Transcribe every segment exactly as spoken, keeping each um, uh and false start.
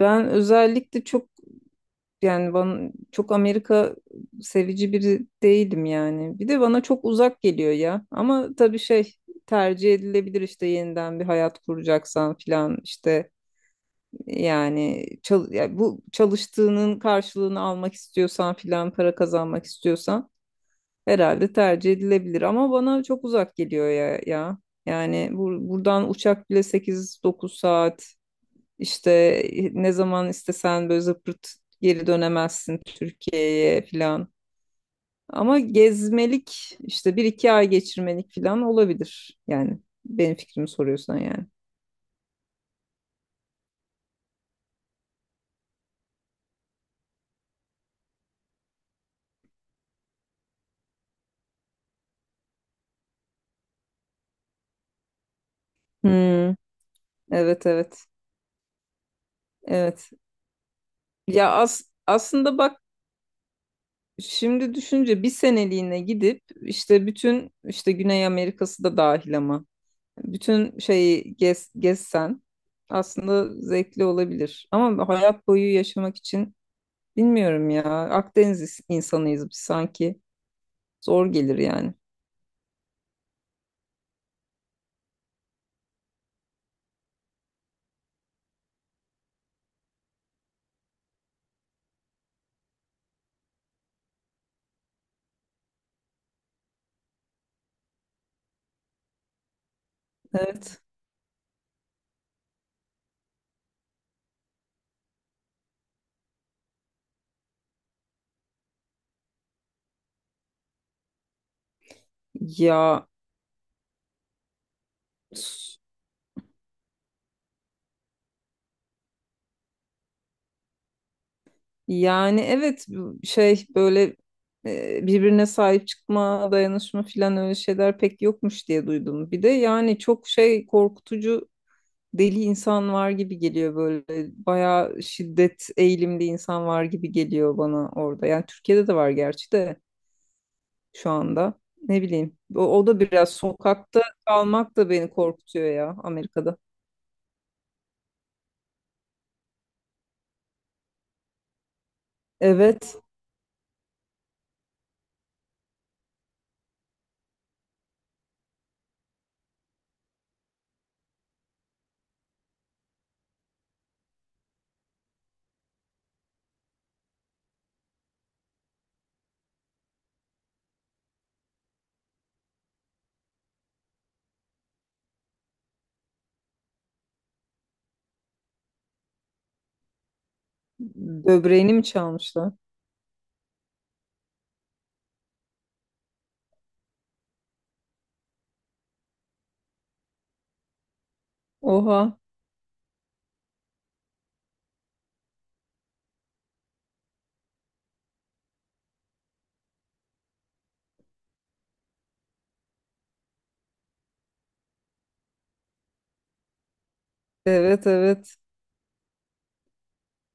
Ben özellikle çok, yani bana çok Amerika sevici biri değilim yani. Bir de bana çok uzak geliyor ya. Ama tabii şey, tercih edilebilir işte, yeniden bir hayat kuracaksan filan, işte yani, çal ya, bu çalıştığının karşılığını almak istiyorsan filan, para kazanmak istiyorsan herhalde tercih edilebilir, ama bana çok uzak geliyor ya ya. Yani bur- buradan uçak bile sekiz dokuz saat, işte ne zaman istesen böyle zıpırt geri dönemezsin Türkiye'ye falan. Ama gezmelik, işte bir iki ay geçirmelik falan olabilir. Yani benim fikrimi soruyorsan yani. Hmm, evet evet evet. Ya, as aslında bak, şimdi düşünce bir seneliğine gidip işte bütün, işte Güney Amerika'sı da dahil, ama bütün şeyi gez, gezsen aslında zevkli olabilir. Ama hayat boyu yaşamak için, bilmiyorum ya. Akdeniz is- insanıyız biz sanki. Zor gelir yani. Evet. Ya, s- yani evet, şey böyle, e, birbirine sahip çıkma, dayanışma filan, öyle şeyler pek yokmuş diye duydum. Bir de yani çok şey, korkutucu deli insan var gibi geliyor böyle. Bayağı şiddet eğilimli insan var gibi geliyor bana orada. Yani Türkiye'de de var gerçi de şu anda. Ne bileyim. O, o da biraz, sokakta kalmak da beni korkutuyor ya Amerika'da. Evet. Böbreğini mi çalmışlar? Oha. Evet evet.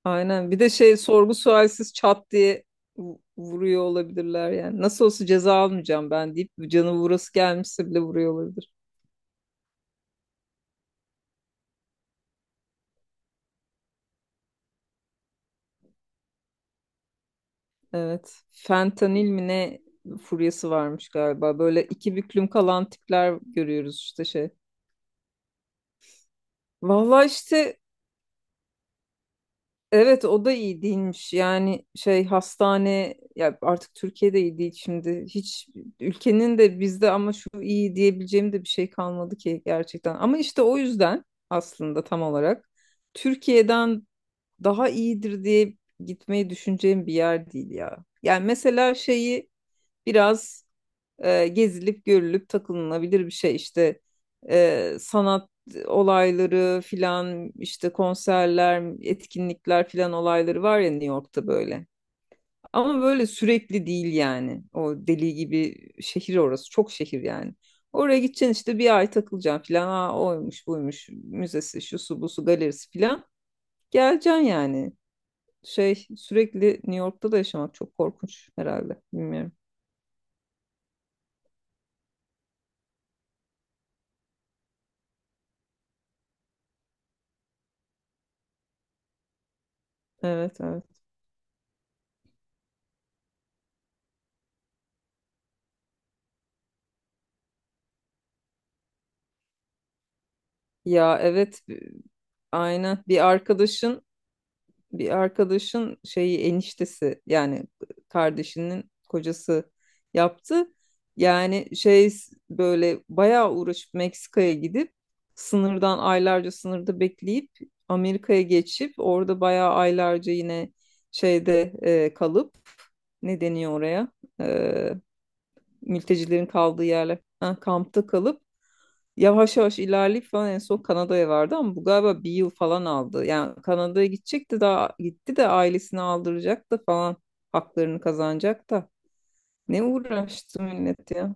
Aynen. Bir de şey, sorgu sualsiz çat diye vu- vuruyor olabilirler yani. Nasıl olsa ceza almayacağım ben deyip, canı vurası gelmişse bile vuruyor olabilir. Evet. Fentanil mi ne furyası varmış galiba. Böyle iki büklüm kalan tipler görüyoruz işte şey. Vallahi işte, Evet, o da iyi değilmiş. Yani şey, hastane ya, artık Türkiye'de iyi değil şimdi. Hiç, ülkenin de bizde, ama şu iyi diyebileceğim de bir şey kalmadı ki gerçekten. Ama işte o yüzden aslında tam olarak Türkiye'den daha iyidir diye gitmeyi düşüneceğim bir yer değil ya. Yani mesela şeyi biraz, e, gezilip görülüp takılınabilir bir şey işte, e, sanat olayları filan, işte konserler, etkinlikler filan olayları var ya New York'ta böyle, ama böyle sürekli değil yani. O deli gibi şehir orası, çok şehir yani. Oraya gideceksin, işte bir ay takılacaksın filan, ha oymuş buymuş müzesi, şu su bu su galerisi filan, geleceksin yani. Şey, sürekli New York'ta da yaşamak çok korkunç herhalde, bilmiyorum. Evet evet. Ya evet. Aynen. Bir arkadaşın bir arkadaşın şeyi, eniştesi yani, kardeşinin kocası yaptı. Yani şey, böyle bayağı uğraşıp Meksika'ya gidip, sınırdan aylarca sınırda bekleyip, Amerika'ya geçip orada bayağı aylarca yine şeyde, e, kalıp, ne deniyor oraya? E, mültecilerin kaldığı yerler. Ha, kampta kalıp yavaş yavaş ilerleyip falan, en son Kanada'ya vardı, ama bu galiba bir yıl falan aldı. Yani Kanada'ya gidecekti, daha gitti de, ailesini aldıracak da falan, haklarını kazanacak da. Ne uğraştı millet ya.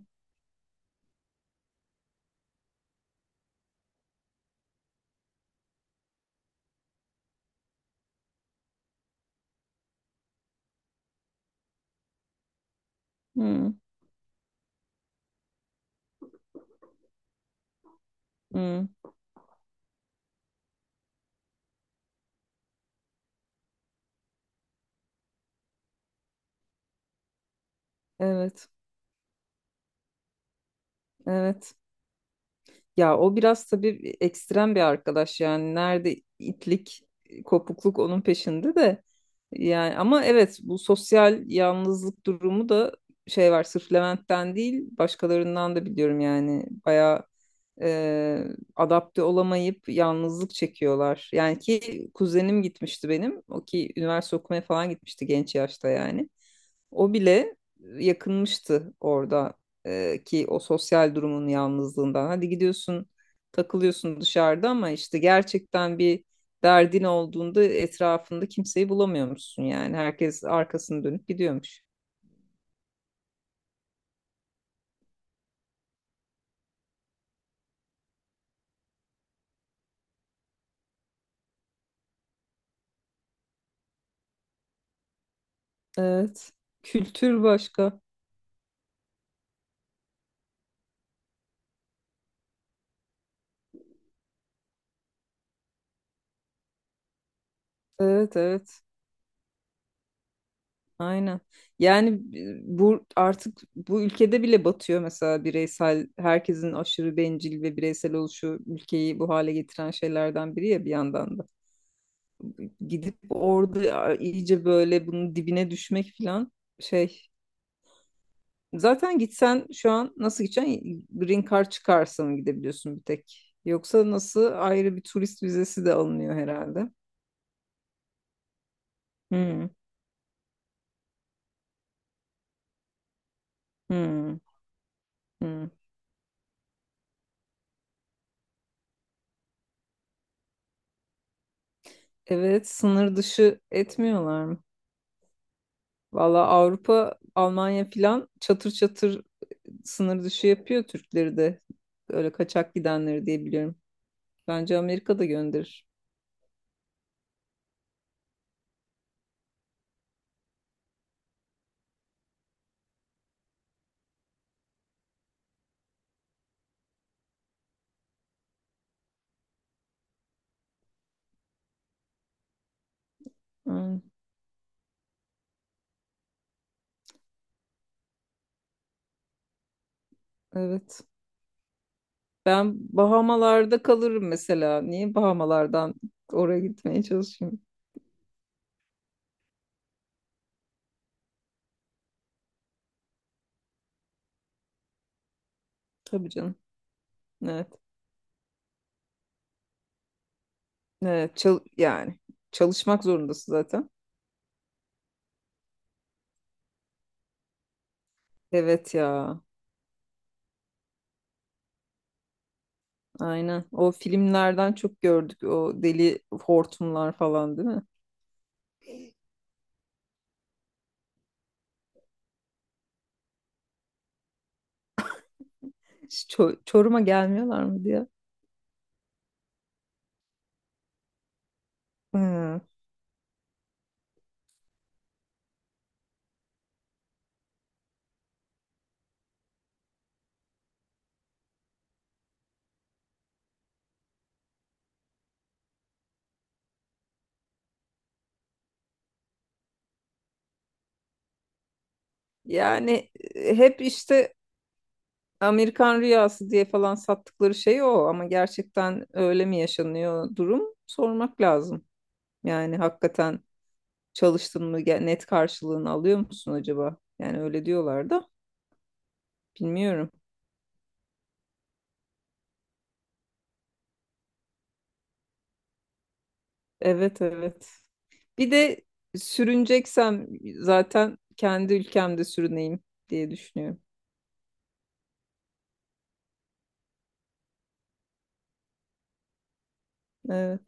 Hı, hı. Evet. Evet. Ya o biraz tabii ekstrem bir arkadaş yani, nerede itlik, kopukluk onun peşinde de. Yani ama evet, bu sosyal yalnızlık durumu da şey, var, sırf Levent'ten değil, başkalarından da biliyorum yani. Bayağı, e, adapte olamayıp yalnızlık çekiyorlar. Yani ki kuzenim gitmişti benim, o ki üniversite okumaya falan gitmişti genç yaşta yani. O bile yakınmıştı orada, ee, ki o sosyal durumun yalnızlığından. Hadi gidiyorsun, takılıyorsun dışarıda, ama işte gerçekten bir derdin olduğunda etrafında kimseyi bulamıyormuşsun yani. Herkes arkasını dönüp gidiyormuş. Evet. Kültür başka. Evet, evet. Aynen. Yani e, bu artık bu ülkede bile batıyor mesela, bireysel, herkesin aşırı bencil ve bireysel oluşu ülkeyi bu hale getiren şeylerden biri ya bir yandan da. Gidip orada iyice böyle bunun dibine düşmek falan, şey. Zaten gitsen şu an nasıl gideceksin? Green Card çıkarsa mı gidebiliyorsun bir tek? Yoksa nasıl, ayrı bir turist vizesi de alınıyor herhalde. Hmm, hmm, hmm. Evet, sınır dışı etmiyorlar mı? Valla Avrupa, Almanya filan çatır çatır sınır dışı yapıyor Türkleri de. Öyle kaçak gidenleri diye biliyorum. Bence Amerika da gönderir. Hmm, evet. Ben Bahamalarda kalırım mesela. Niye Bahamalardan oraya gitmeye çalışayım? Tabii canım. Evet. Evet, çal- yani çalışmak zorundasın zaten. Evet ya. Aynen. O filmlerden çok gördük o deli hortumlar falan, değil mi? Ço- Çorum'a gelmiyorlar mı diye. Hı. Yani e, hep işte Amerikan rüyası diye falan sattıkları şey o, ama gerçekten öyle mi yaşanıyor, durum sormak lazım. Yani hakikaten çalıştın mı ge- net karşılığını alıyor musun acaba? Yani öyle diyorlar da bilmiyorum. Evet evet. Bir de sürüneceksem zaten kendi ülkemde sürüneyim diye düşünüyorum. Evet.